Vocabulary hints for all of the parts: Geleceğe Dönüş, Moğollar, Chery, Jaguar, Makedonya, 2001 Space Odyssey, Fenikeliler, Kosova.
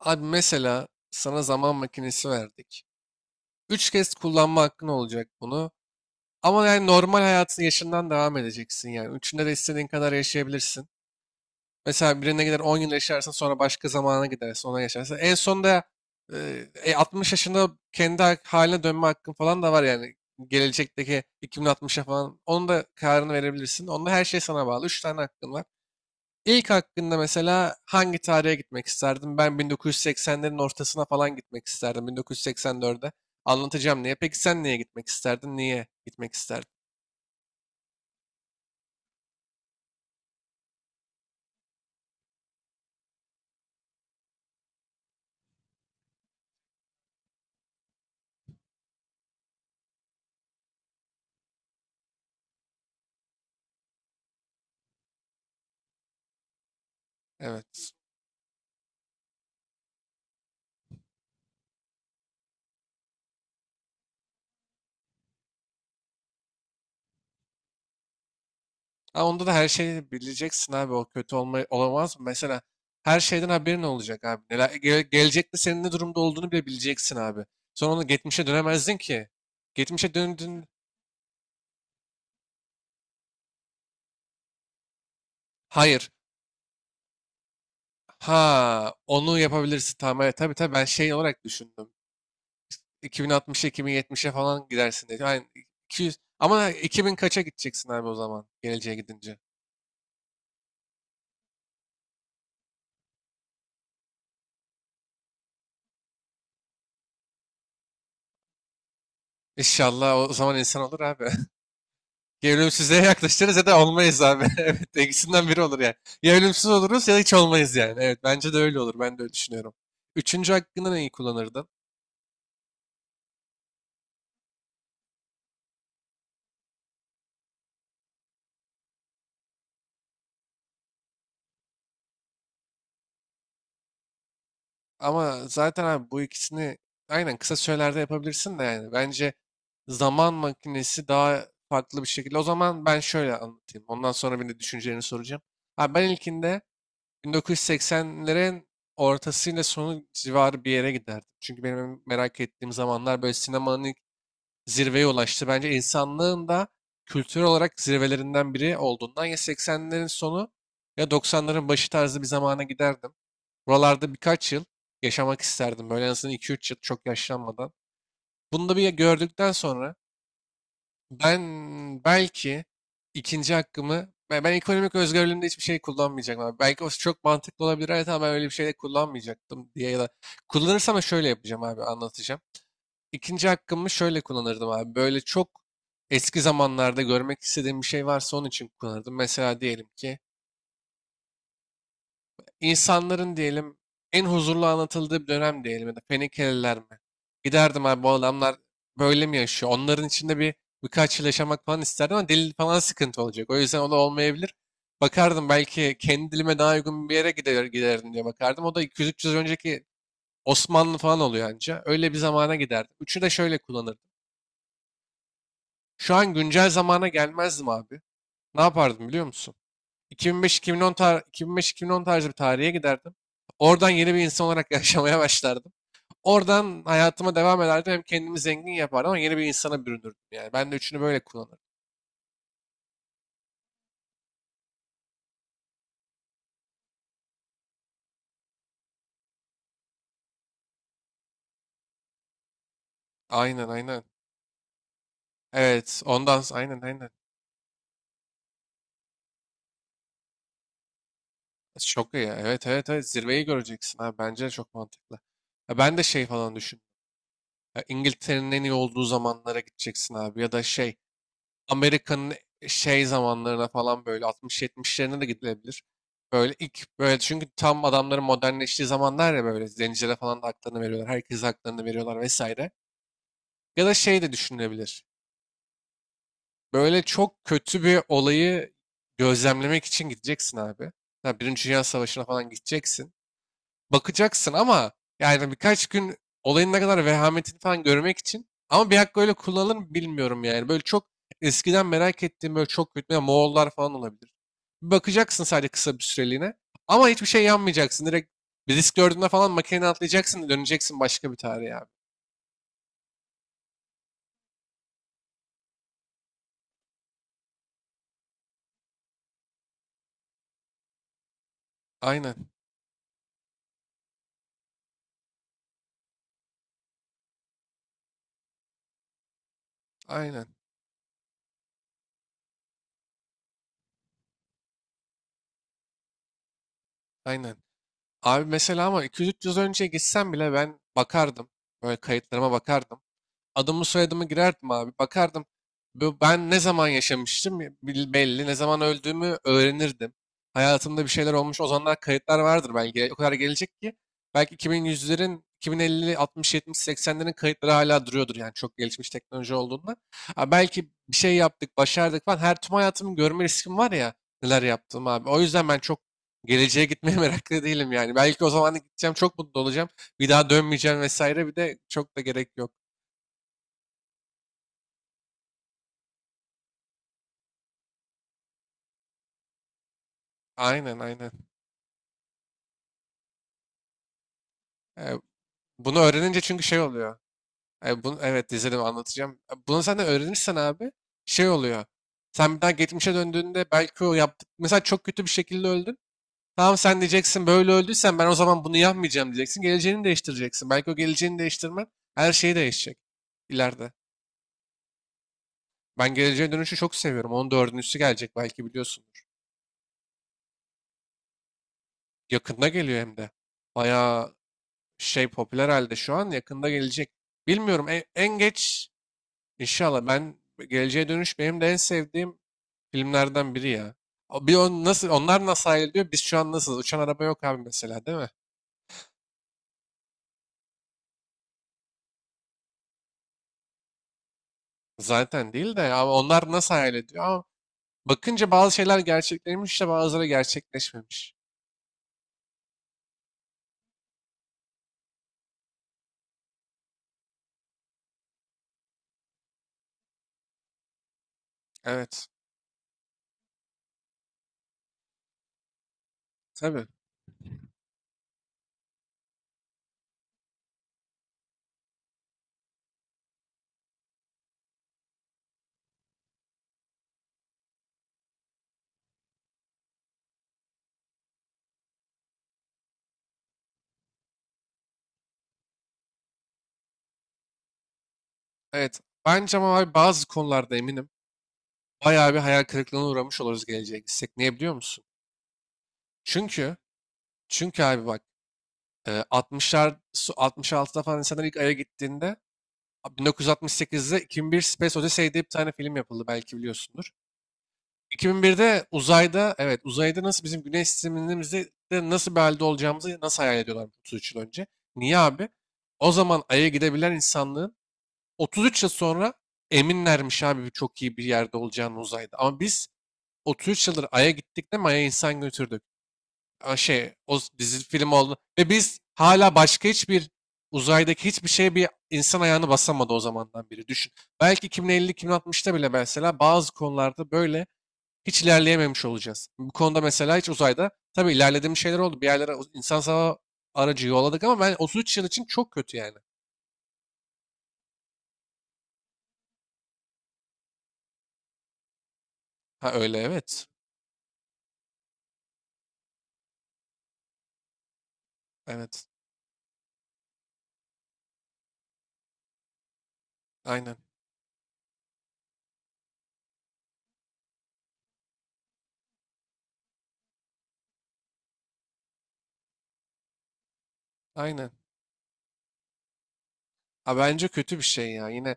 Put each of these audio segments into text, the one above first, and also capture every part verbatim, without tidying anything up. Abi mesela sana zaman makinesi verdik. Üç kez kullanma hakkın olacak bunu. Ama yani normal hayatın yaşından devam edeceksin yani. Üçünde de istediğin kadar yaşayabilirsin. Mesela birine gider on yıl yaşarsın, sonra başka zamana gidersin, ona yaşarsın. En sonunda e, e, altmış yaşında kendi ha- haline dönme hakkın falan da var yani. Gelecekteki iki bin altmışa falan, onun da kararını verebilirsin. Onda her şey sana bağlı. Üç tane hakkın var. İlk hakkında mesela hangi tarihe gitmek isterdim? Ben bin dokuz yüz seksenlerin ortasına falan gitmek isterdim. bin dokuz yüz seksen dörde. Anlatacağım niye. Peki sen niye gitmek isterdin? Niye gitmek isterdin? Evet. Ha, onda da her şeyi bileceksin abi. O kötü olma, olamaz mı? Mesela her şeyden haberin olacak abi. Neler, ge- gelecekte senin ne durumda olduğunu bile bileceksin abi. Sonra onu geçmişe dönemezdin ki. Geçmişe döndün. Hayır. Ha, onu yapabilirsin. Tamam, evet, tabii tabii, ben şey olarak düşündüm. iki bin altmışa, iki bin yetmişe falan gidersin dedi. Aynen. iki yüz, ama iki bin kaça gideceksin abi o zaman, geleceğe gidince. İnşallah o zaman insan olur abi. Ya ölümsüzlüğe yaklaşırız ya da olmayız abi. Evet, ikisinden biri olur yani. Ya ölümsüz oluruz ya da hiç olmayız yani. Evet, bence de öyle olur. Ben de öyle düşünüyorum. Üçüncü hakkını neyi kullanırdın? Ama zaten abi bu ikisini aynen kısa sürelerde yapabilirsin de yani. Bence zaman makinesi daha farklı bir şekilde. O zaman ben şöyle anlatayım. Ondan sonra bir de düşüncelerini soracağım. Abi ben ilkinde bin dokuz yüz seksenlerin ortasıyla sonu civarı bir yere giderdim. Çünkü benim merak ettiğim zamanlar böyle sinemanın ilk zirveye ulaştı. Bence insanlığın da kültür olarak zirvelerinden biri olduğundan, ya seksenlerin sonu ya doksanların başı tarzı bir zamana giderdim. Buralarda birkaç yıl yaşamak isterdim. Böyle en azından iki üç yıl, çok yaşlanmadan. Bunu da bir gördükten sonra ben belki ikinci hakkımı, ben, ben ekonomik özgürlüğümde hiçbir şey kullanmayacağım abi. Belki o çok mantıklı olabilir, evet, ama ben öyle bir şey de kullanmayacaktım diye, ya da kullanırsam da şöyle yapacağım abi, anlatacağım. İkinci hakkımı şöyle kullanırdım abi. Böyle çok eski zamanlarda görmek istediğim bir şey varsa onun için kullanırdım. Mesela diyelim ki insanların diyelim en huzurlu anlatıldığı bir dönem diyelim, ya da Fenikeliler mi? Giderdim abi, bu adamlar böyle mi yaşıyor? Onların içinde bir birkaç yıl yaşamak falan isterdim ama dil falan sıkıntı olacak. O yüzden o da olmayabilir. Bakardım belki kendi dilime daha uygun bir yere gider, giderdim diye bakardım. O da iki yüz üç yüz önceki Osmanlı falan oluyor anca. Öyle bir zamana giderdim. Üçü de şöyle kullanırdım. Şu an güncel zamana gelmezdim abi. Ne yapardım biliyor musun? iki bin beş-iki bin on tar iki bin beş-iki bin on tarzı bir tarihe giderdim. Oradan yeni bir insan olarak yaşamaya başlardım. Oradan hayatıma devam ederdim. Hem kendimi zengin yapardım ama yeni bir insana bürünürdüm. Yani ben de üçünü böyle kullanırdım. Aynen, aynen. Evet, ondan s- aynen, aynen. Çok iyi. Evet, evet, evet, zirveyi göreceksin abi. Bence çok mantıklı. Ya ben de şey falan düşün. Ya İngiltere'nin en iyi olduğu zamanlara gideceksin abi. Ya da şey, Amerika'nın e, şey zamanlarına falan, böyle altmış yetmişlerine de gidilebilir. Böyle ilk, böyle, çünkü tam adamların modernleştiği zamanlar ya, böyle zencilere falan da haklarını veriyorlar. Herkese haklarını veriyorlar vesaire. Ya da şey de düşünülebilir. Böyle çok kötü bir olayı gözlemlemek için gideceksin abi. Ya Birinci Dünya Savaşı'na falan gideceksin, bakacaksın ama yani birkaç gün, olayın ne kadar vehametini falan görmek için. Ama bir hakkı öyle kullanılır mı bilmiyorum yani. Böyle çok eskiden merak ettiğim böyle çok kötü, ya Moğollar falan olabilir. Bir bakacaksın, sadece kısa bir süreliğine. Ama hiçbir şey yanmayacaksın. Direkt bir risk gördüğünde falan makineden atlayacaksın, döneceksin başka bir tarihe abi. Aynen. Aynen. Aynen. Abi mesela, ama iki yüz üç yüz önce gitsem bile ben bakardım. Böyle kayıtlarıma bakardım. Adımı soyadımı girerdim abi. Bakardım bu- ben ne zaman yaşamıştım bil- belli, ne zaman öldüğümü öğrenirdim. Hayatımda bir şeyler olmuş. O zamanlar kayıtlar vardır belki. O kadar gelecek ki belki iki bin yüzlerin, iki bin elli, altmış, yetmiş, seksenlerin kayıtları hala duruyordur yani, çok gelişmiş teknoloji olduğunda. Ha, belki bir şey yaptık, başardık falan. Her tüm hayatımı görme riskim var ya, neler yaptım abi. O yüzden ben çok geleceğe gitmeye meraklı değilim yani. Belki o zaman da gideceğim, çok mutlu olacağım. Bir daha dönmeyeceğim vesaire. Bir de çok da gerek yok. Aynen, aynen. E, Bunu öğrenince çünkü şey oluyor. E, bunu, evet, izledim, anlatacağım. E, Bunu sen de öğrenirsen abi şey oluyor. Sen bir daha geçmişe döndüğünde belki o yaptık. Mesela çok kötü bir şekilde öldün. Tamam, sen diyeceksin, böyle öldüysen ben o zaman bunu yapmayacağım diyeceksin. Geleceğini değiştireceksin. Belki o geleceğini değiştirmen, her şeyi değişecek ileride. Ben geleceğe dönüşü çok seviyorum. Onun dördüncüsü gelecek, belki biliyorsundur. Yakında geliyor hem de. Bayağı şey popüler halde şu an, yakında gelecek. Bilmiyorum, en, en geç. İnşallah, ben Geleceğe Dönüş benim de en sevdiğim filmlerden biri ya. O- Bir on, nasıl onlar nasıl hayal ediyor? Biz şu an nasıl? Uçan araba yok abi mesela, değil mi? Zaten değil de, ama onlar nasıl hayal ediyor? Ama bakınca bazı şeyler gerçekleşmiş de bazıları gerçekleşmemiş. Evet. Tabii. Evet. Bence ama abi bazı konularda eminim. Bayağı bir hayal kırıklığına uğramış oluruz geleceğe gitsek. Niye biliyor musun? Çünkü çünkü abi bak, e, altmışlar, su- altmış altıda falan insanlar ilk Ay'a gittiğinde. Abi, bin dokuz yüz altmış sekizde iki bin bir Space Odyssey diye bir tane film yapıldı, belki biliyorsundur. iki bin birde uzayda, evet, uzayda, nasıl bizim güneş sistemimizde de nasıl bir halde olacağımızı nasıl hayal ediyorlar otuz üç yıl önce. Niye abi? O zaman Ay'a gidebilen insanlığın otuz üç yıl sonra eminlermiş abi, çok iyi bir yerde olacağını uzayda. Ama biz otuz üç yıldır Ay'a gittik de, Ay'a insan götürdük, a, şey, o s- dizi film oldu. Ve biz hala başka hiçbir uzaydaki hiçbir şeye bir insan ayağını basamadı o zamandan beri. Düşün. Belki iki bin elli, iki bin altmışta bile mesela bazı konularda böyle hiç ilerleyememiş olacağız. Bu konuda mesela hiç uzayda, tabii ilerlediğim şeyler oldu. Bir yerlere o- insan sava aracı yolladık ama ben otuz üç yıl için çok kötü yani. Ha öyle, evet. Evet. Aynen. Aynen. Ha, bence kötü bir şey ya. Yine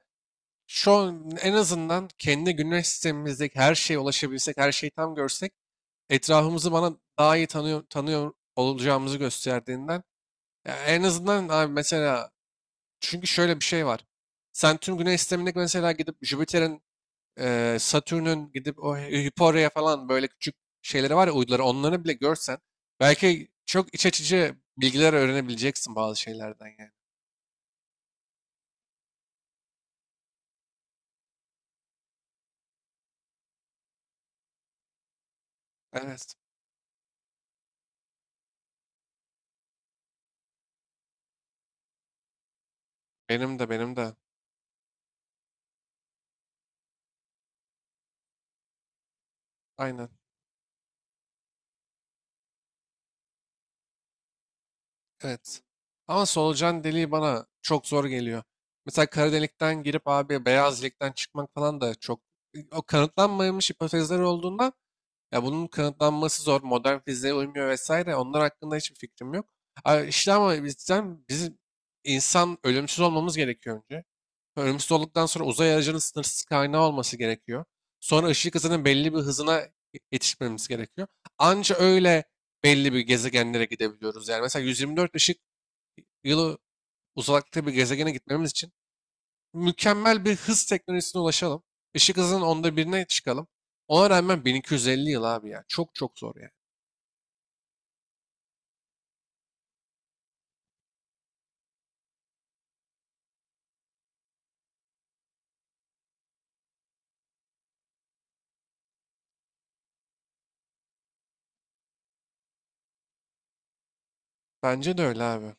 şu an en azından kendi güneş sistemimizdeki her şeye ulaşabilsek, her şeyi tam görsek etrafımızı, bana daha iyi tanıyor, tanıyor olacağımızı gösterdiğinden. Ya en azından abi mesela, çünkü şöyle bir şey var. Sen tüm Güney sistemindeki mesela gidip Jüpiter'in, e, Satürn'ün, gidip o Hyperia falan böyle küçük şeyleri var ya, uyduları, onları bile görsen belki çok iç açıcı bilgiler öğrenebileceksin bazı şeylerden yani. Evet. Benim de, benim de. Aynen. Evet. Ama solucan deliği bana çok zor geliyor. Mesela kara delikten girip abi beyaz delikten çıkmak falan da çok, o kanıtlanmamış hipotezler olduğunda ya, bunun kanıtlanması zor. Modern fiziğe uymuyor vesaire. Onlar hakkında hiçbir fikrim yok. A, İşte ama bizden bizim insan ölümsüz olmamız gerekiyor önce. Ölümsüz olduktan sonra uzay aracının sınırsız kaynağı olması gerekiyor. Sonra ışık hızının belli bir hızına yetişmemiz gerekiyor. Anca öyle belli bir gezegenlere gidebiliyoruz. Yani mesela yüz yirmi dört ışık yılı uzakta bir gezegene gitmemiz için mükemmel bir hız teknolojisine ulaşalım. Işık hızının onda birine çıkalım. Ona rağmen bin iki yüz elli yıl abi ya. Çok çok zor yani. Bence de öyle abi.